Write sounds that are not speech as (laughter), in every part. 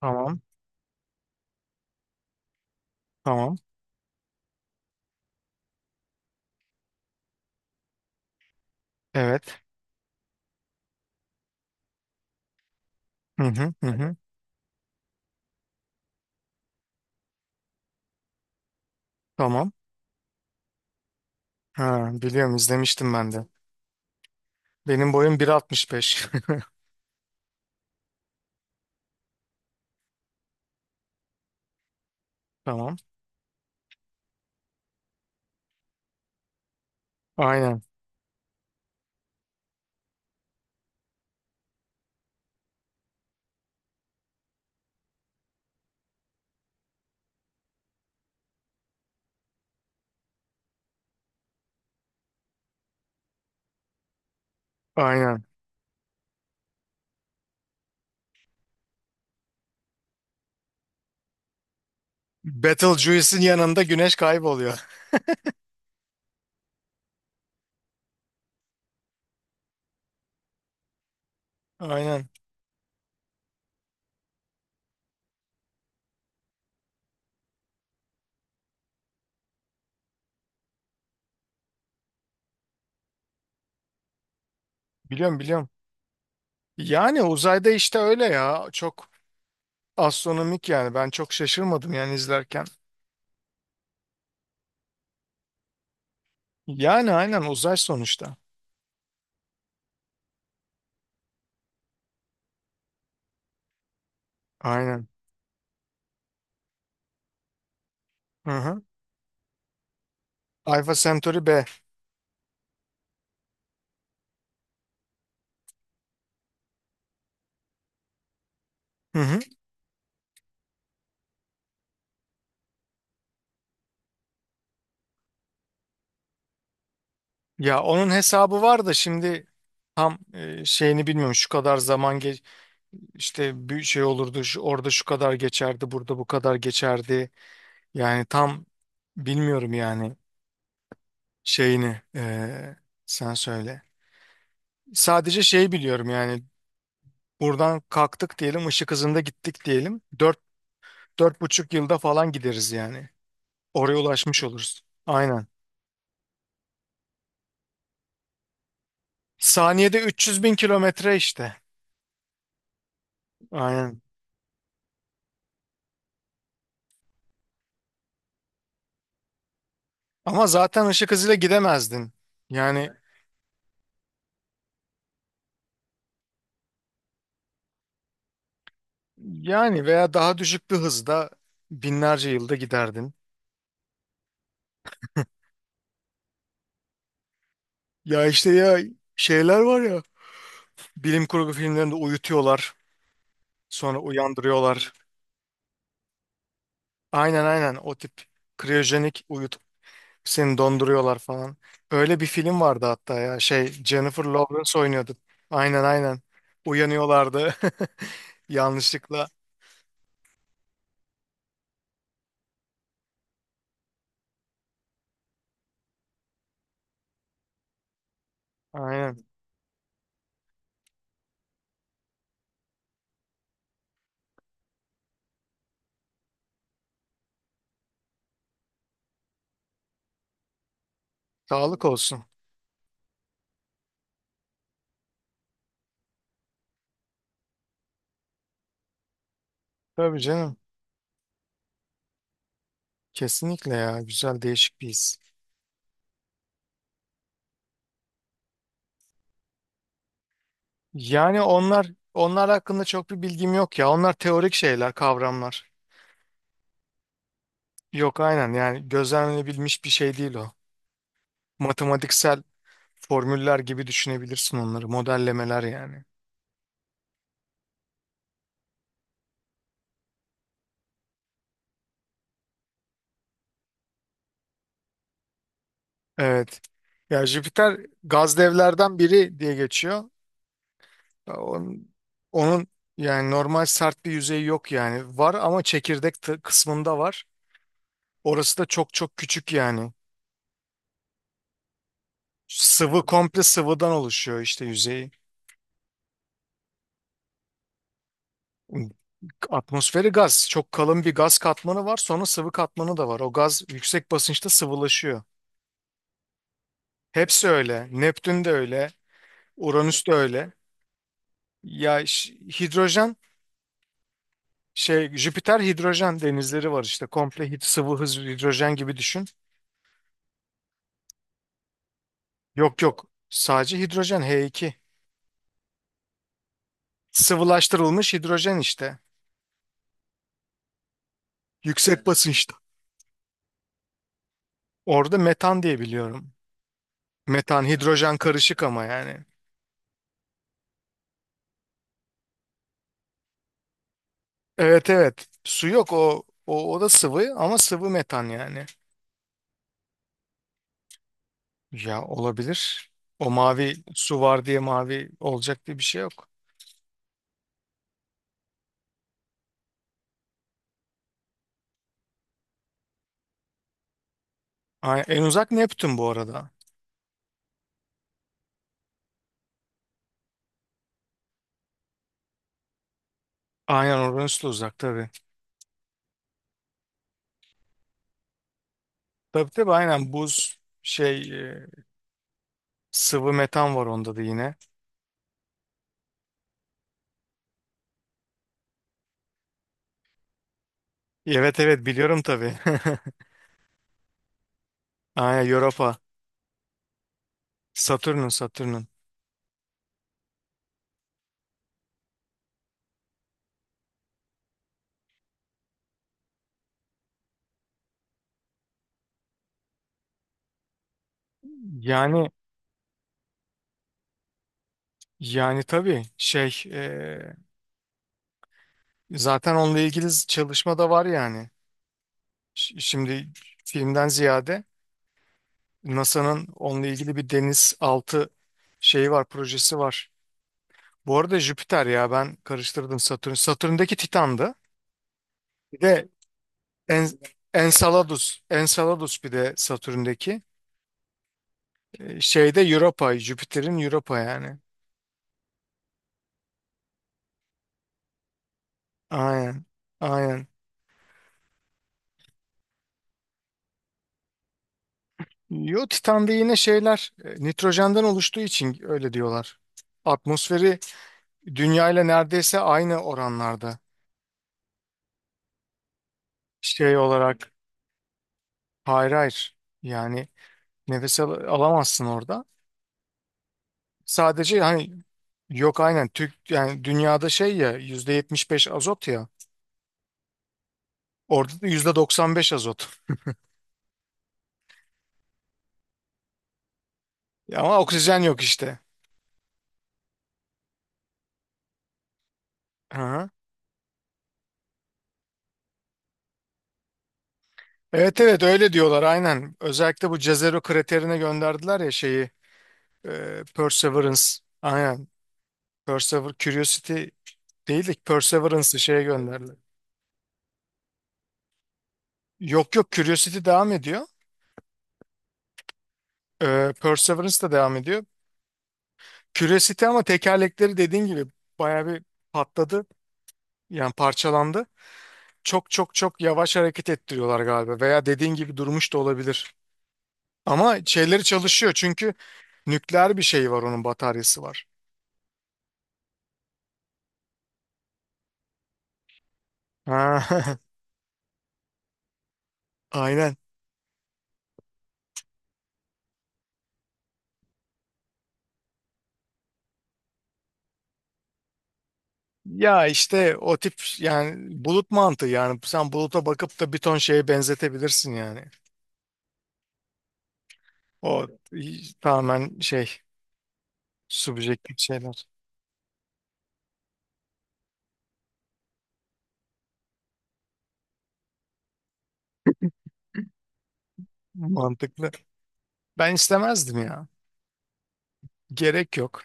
Tamam. Tamam. Evet. Hı hı hı hı. Tamam. Ha, biliyorum izlemiştim ben de. Benim boyum 1,65. (laughs) Tamam. Aynen. Aynen. Betelgeuse'in yanında güneş kayboluyor. (laughs) Aynen. Biliyorum, biliyorum. Yani uzayda işte öyle ya. Çok astronomik yani. Ben çok şaşırmadım yani izlerken. Yani aynen, uzay sonuçta. Aynen. Hı hı. Alpha Centauri B. Hı hı. Ya onun hesabı var da şimdi tam şeyini bilmiyorum. Şu kadar zaman geç İşte bir şey olurdu şu, orada şu kadar geçerdi, burada bu kadar geçerdi. Yani tam bilmiyorum yani şeyini, sen söyle. Sadece şey biliyorum yani buradan kalktık diyelim, ışık hızında gittik diyelim. 4,5 yılda falan gideriz yani. Oraya ulaşmış oluruz. Aynen. Saniyede 300 bin kilometre işte. Aynen. Ama zaten ışık hızıyla gidemezdin. Yani yani veya daha düşük bir hızda binlerce yılda giderdin. Ya işte ya, şeyler var ya bilim kurgu filmlerinde, uyutuyorlar sonra uyandırıyorlar. Aynen, aynen, o tip kriyojenik uyutup seni donduruyorlar falan. Öyle bir film vardı hatta ya, şey Jennifer Lawrence oynuyordu. Aynen, aynen, uyanıyorlardı (laughs) yanlışlıkla. Aynen, sağlık olsun. Tabii canım, kesinlikle ya, güzel değişik bir his. Yani onlar hakkında çok bir bilgim yok ya, onlar teorik şeyler, kavramlar. Yok, aynen, yani gözlemlenebilmiş bir şey değil o. Matematiksel formüller gibi düşünebilirsin onları. Modellemeler yani. Evet. Ya, Jüpiter gaz devlerden biri diye geçiyor. Onun, onun yani, normal sert bir yüzeyi yok yani. Var ama çekirdek kısmında var. Orası da çok çok küçük yani. Sıvı, komple sıvıdan oluşuyor işte yüzeyi. Atmosferi gaz. Çok kalın bir gaz katmanı var. Sonra sıvı katmanı da var. O gaz yüksek basınçta sıvılaşıyor. Hepsi öyle. Neptün de öyle. Uranüs de öyle. Ya, hidrojen, şey, Jüpiter hidrojen denizleri var işte. Komple sıvı, hidrojen gibi düşün. Yok, yok. Sadece hidrojen H2. Sıvılaştırılmış hidrojen işte. Yüksek basınçta. Orada metan diye biliyorum. Metan hidrojen karışık ama yani. Evet, evet. Su yok, o da sıvı, ama sıvı metan yani. Ya, olabilir. O, mavi su var diye mavi olacak diye bir şey yok. En uzak Neptün bu arada. Aynen, Uranüs de uzak tabii. Tabii, tabii, aynen buz, şey sıvı metan var onda da yine. Evet, evet, biliyorum tabii. (laughs) Aynen, Europa. Satürn'ün, Satürn'ün. Yani yani tabii, şey zaten onunla ilgili çalışma da var yani. Şimdi, filmden ziyade, NASA'nın onunla ilgili bir deniz altı şeyi var, projesi var. Bu arada Jüpiter, ya ben karıştırdım, Satürn. Satürn'deki Titan'dı. Bir de En, Enceladus. Enceladus bir de Satürn'deki. Şeyde Europa. Jüpiter'in, Europa yani. Aynen. Aynen. Yo, Titan'da yine şeyler nitrojenden oluştuğu için öyle diyorlar. Atmosferi Dünya ile neredeyse aynı oranlarda. Şey olarak hayır, hayır. Yani nefes alamazsın orada. Sadece hani yok, aynen Türk yani dünyada şey ya, %75 azot ya. Orada da %95 azot. Ya ama oksijen yok işte. Aha. Evet, evet, öyle diyorlar aynen. Özellikle bu Jezero kraterine gönderdiler ya şeyi, Perseverance. Aynen. Curiosity değil de Perseverance'ı şeye gönderdiler. Yok, yok, Curiosity devam ediyor. Perseverance da devam ediyor. Curiosity ama tekerlekleri, dediğin gibi, baya bir patladı. Yani parçalandı. Çok çok çok yavaş hareket ettiriyorlar galiba, veya dediğin gibi durmuş da olabilir. Ama şeyleri çalışıyor, çünkü nükleer bir şey var, onun bataryası var. Ha. (laughs) Aynen. Ya işte o tip yani bulut mantığı, yani sen buluta bakıp da bir ton şeye benzetebilirsin yani. O tamamen subjektif şeyler. Mantıklı. Ben istemezdim ya. Gerek yok.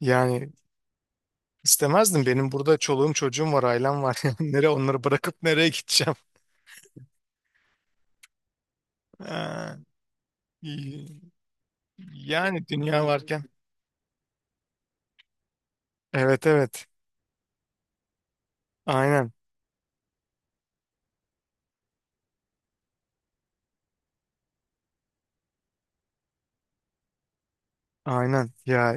Yani istemezdim. Benim burada çoluğum çocuğum var, ailem var. (laughs) Yani nereye onları bırakıp nereye gideceğim? Ha, i- yani dünya varken. Evet, evet. Aynen. Aynen. Ya,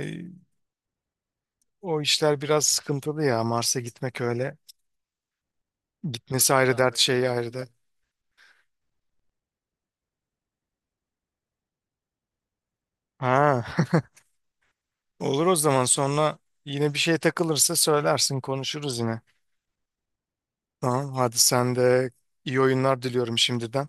o işler biraz sıkıntılı ya. Mars'a gitmek öyle. Nesi ayrı dert, ayrı. Şeyi ayrı dert. Ha. (laughs) Olur o zaman, sonra yine bir şey takılırsa söylersin, konuşuruz yine. Tamam, hadi sen de, iyi oyunlar diliyorum şimdiden.